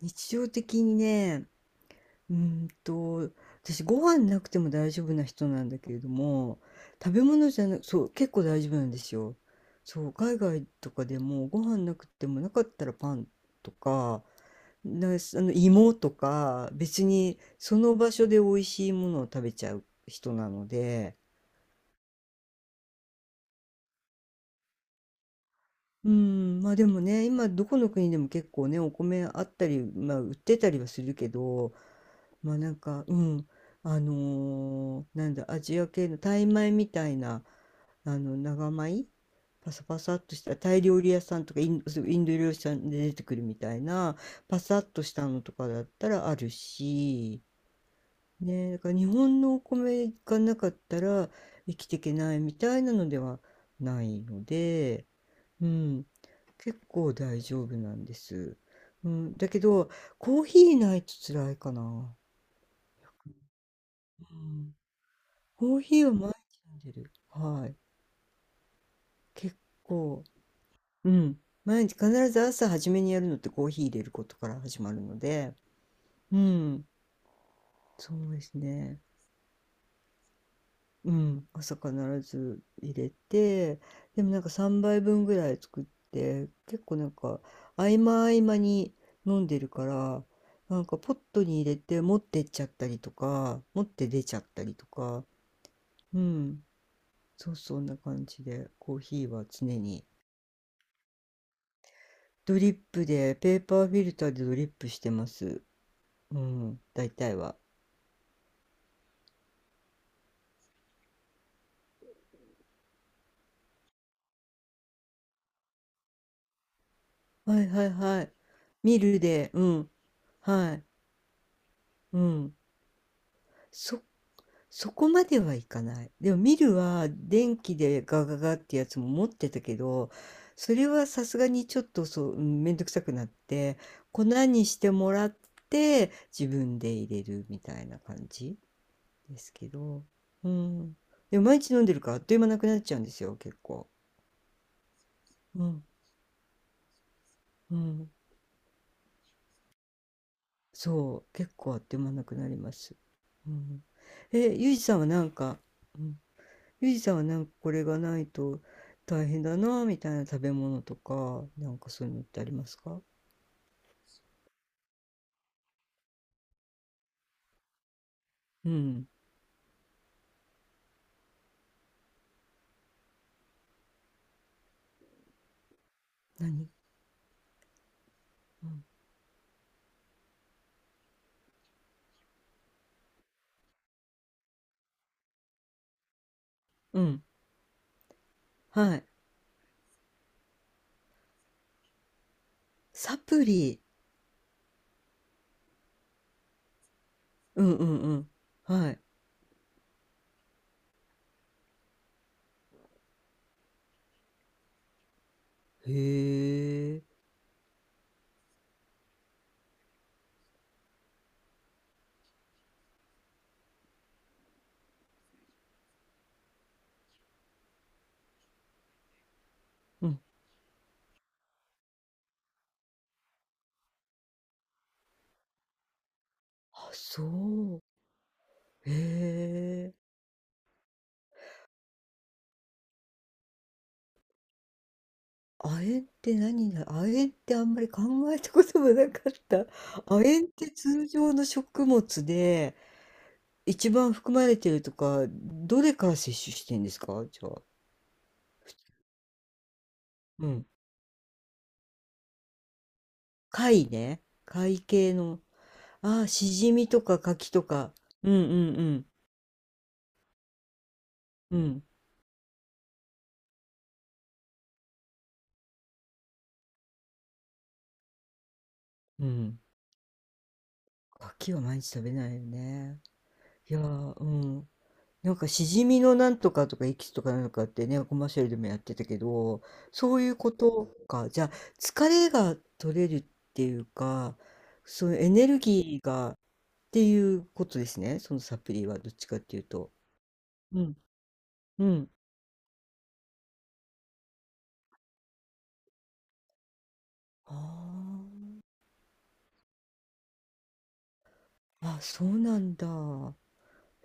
日常的にね、うーんと、私ご飯なくても大丈夫な人なんだけれども、食べ物じゃなく、そう、結構大丈夫なんですよ。そう、海外とかでもご飯なくてもなかったらパンとか、あの芋とか、別にその場所で美味しいものを食べちゃう人なので、うん、まあでもね、今どこの国でも結構ね、お米あったり、まあ売ってたりはするけど、まあなんか、うん、あのーなんだ、アジア系のタイ米みたいな、あの、長米パサパサっとしたタイ料理屋さんとかイン、そうインド料理屋さんで出てくるみたいな、パサっとしたのとかだったらあるし、ね、だから日本のお米がなかったら生きていけないみたいなのではないので、うん、結構大丈夫なんです。うん、だけど、コーヒーないと辛いかな。うん。コーヒーを毎日飲んでる。はい。結構、うん。毎日必ず朝初めにやるのってコーヒー入れることから始まるので、うん。そうですね。うん。朝必ず入れて、でもなんか3杯分ぐらい作って、結構なんか合間合間に飲んでるから、なんかポットに入れて持ってっちゃったりとか、持って出ちゃったりとか、うん。そうそうそんな感じで、コーヒーは常に。ドリップで、ペーパーフィルターでドリップしてます。うん、大体は。はいはいはい。ミルで、うん。はい。うん。そ、そこまではいかない。でもミルは電気でガガガってやつも持ってたけど、それはさすがにちょっとそう、うん、めんどくさくなって、粉にしてもらって自分で入れるみたいな感じですけど。うん。でも毎日飲んでるからあっという間なくなっちゃうんですよ、結構。うん。うん、そう、結構あっという間なくなります。うん。え、ゆうじさんはなんか、うん、ゆうじさんはなんかこれがないと大変だなみたいな食べ物とか、なんかそういうのってありますか？うん。何。うん。うん。はい。サプリ。うんうんうん。はい。へえ。うん。あ、そう。へえ。亜鉛って亜鉛ってあんまり考えたこともなかった。亜鉛って通常の食物で一番含まれてるとか、どれから摂取してんですかじゃあ。うん。貝ね。貝系の。ああ、しじみとか牡蠣とか。うんうんうん。うん。うん。牡蠣は毎日食べないよね。いやー、うん。なんかしじみのなんとかとかエキスとかなんかってね、コマーシャルでもやってたけど、そういうことか。じゃあ、疲れが取れるっていうか、そのエネルギーがっていうことですね。そのサプリはどっちかっていうと。うん。うん。ああ、あ、そうなんだ。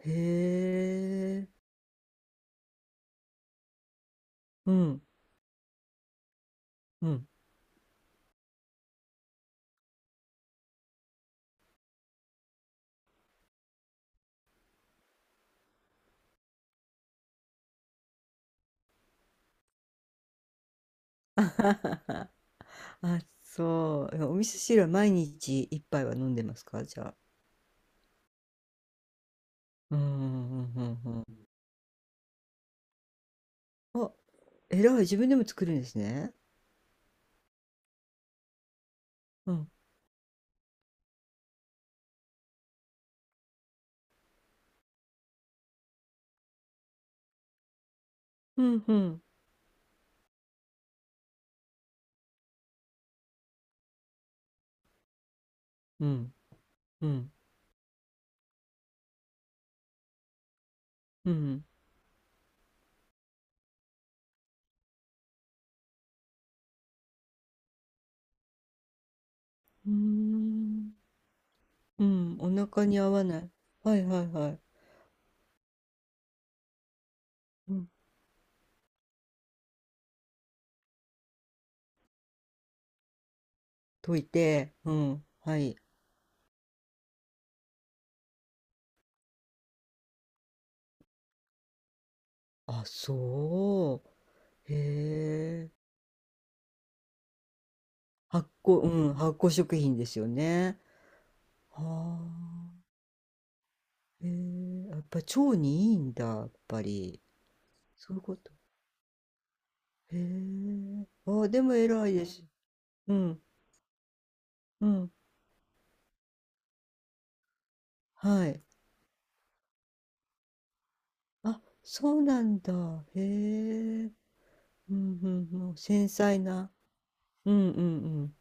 へえ。うん。うん。あ、そう。お味噌汁は毎日一杯は飲んでますかじゃあ。うんうんうんうん。あ、偉い、自分でも作るんですね。うん。うんふん。うん、うん、うん。うーん。うん、お腹に合わない。はいはいはい。うん。溶いて、うん、はい。あ、そう。へえ。発酵、うん、発酵食品ですよね。はあ。へえ、やっぱ腸にいいんだ、やっぱり。そういうこと。へえ。あ、でも偉いです。うん、うん。はい。あ、そうなんだ。へえ。うんうんうん。繊細な。うんうん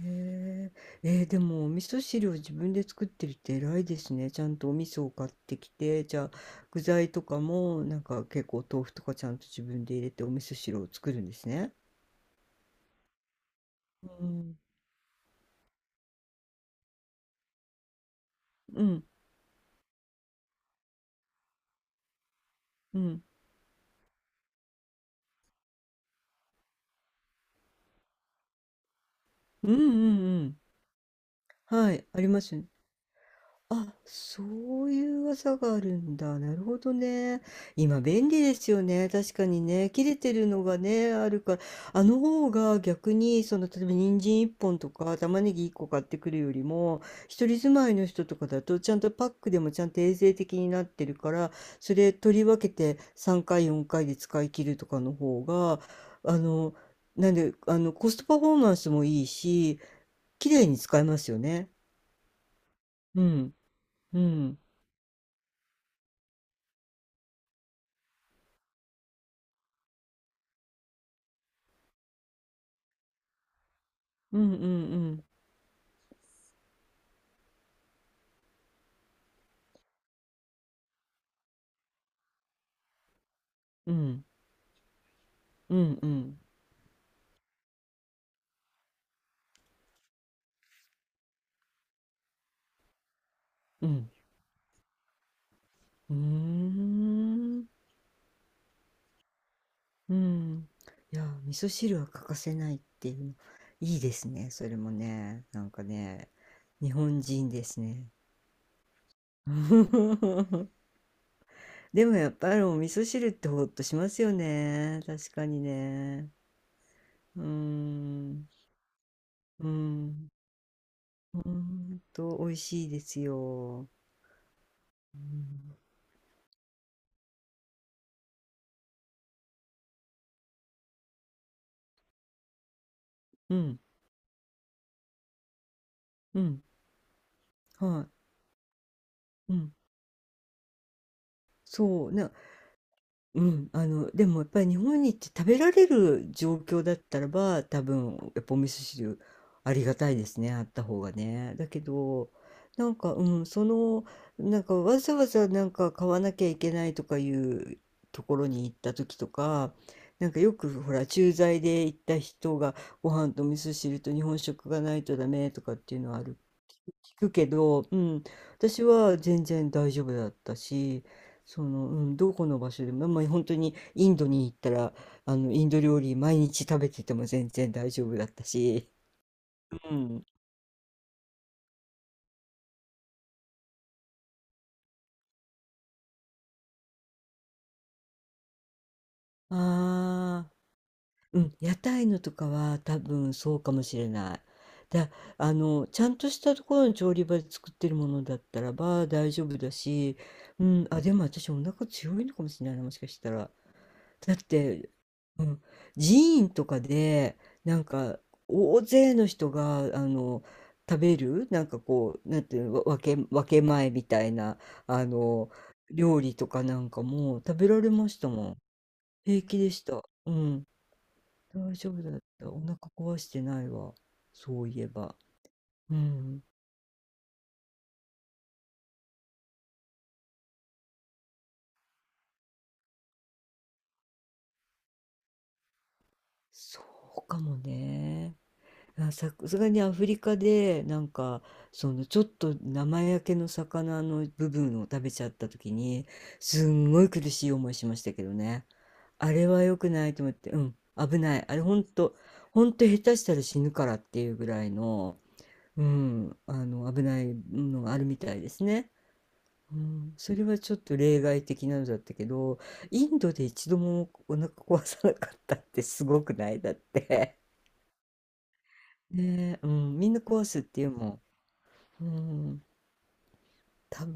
うん。へえ。えーでもお味噌汁を自分で作ってるって偉いですね。ちゃんとお味噌を買ってきて、じゃあ具材とかもなんか結構豆腐とかちゃんと自分で入れてお味噌汁を作るんですね。うん。うんうん。うんうんうん。はい、あります。あ、そういう技があるんだ。なるほどね。今便利ですよね。確かにね。切れてるのがね、あるから。あの方が逆に、その、例えば人参1本とか玉ねぎ1個買ってくるよりも、一人住まいの人とかだと、ちゃんとパックでもちゃんと衛生的になってるから、それ取り分けて3回、4回で使い切るとかの方が、あの、なんで、あの、コストパフォーマンスもいいし、綺麗に使えますよね。うん、うん。うんうんうんうんうんうんうんうーんうん。いや味噌汁は欠かせないっていうのいいですねそれもねなんかね。日本人ですね。 でもやっぱりお味噌汁ってほっとしますよね確かにね。うーんうんほんと美味しいですよ。うんうんうん。はい。うん。そうね。うん、あの、でもやっぱり日本に行って食べられる状況だったらば、多分やっぱお味噌汁ありがたいですね、あった方がね。だけど、なんか、うん、その、なんかわざわざなんか買わなきゃいけないとかいうところに行った時とか、なんかよくほら、駐在で行った人がご飯と味噌汁と日本食がないとダメとかっていうのはある、聞くけど、うん、私は全然大丈夫だったし、その、うん、どこの場所でも、まあ、本当にインドに行ったら、あの、インド料理毎日食べてても全然大丈夫だったし、うん。ああ、うん、屋台のとかは多分そうかもしれない。だ、あの、ちゃんとしたところの調理場で作ってるものだったらば大丈夫だし、うん、あ、でも私お腹強いのかもしれないな、もしかしたら。だって、うん、寺院とかでなんか大勢の人があの食べるなんかこうなんていうのわ分け、分け前みたいなあの料理とかなんかも食べられましたもん。平気でした、うん、大丈夫だったお腹壊してないわ、そういえば。うん、そうかもね。あ、ささすがにアフリカでなんかそのちょっと生焼けの魚の部分を食べちゃった時にすんごい苦しい思いしましたけどね。あれは良くないと思って、うん、危ない、あれほんと、ほんと下手したら死ぬからっていうぐらいの、うん、あの危ないのがあるみたいですね。うん、それはちょっと例外的なのだったけどインドで一度もお腹壊さなかったってすごくないだって。ねえ、うん、みんな壊すっていうもん。うぶん、多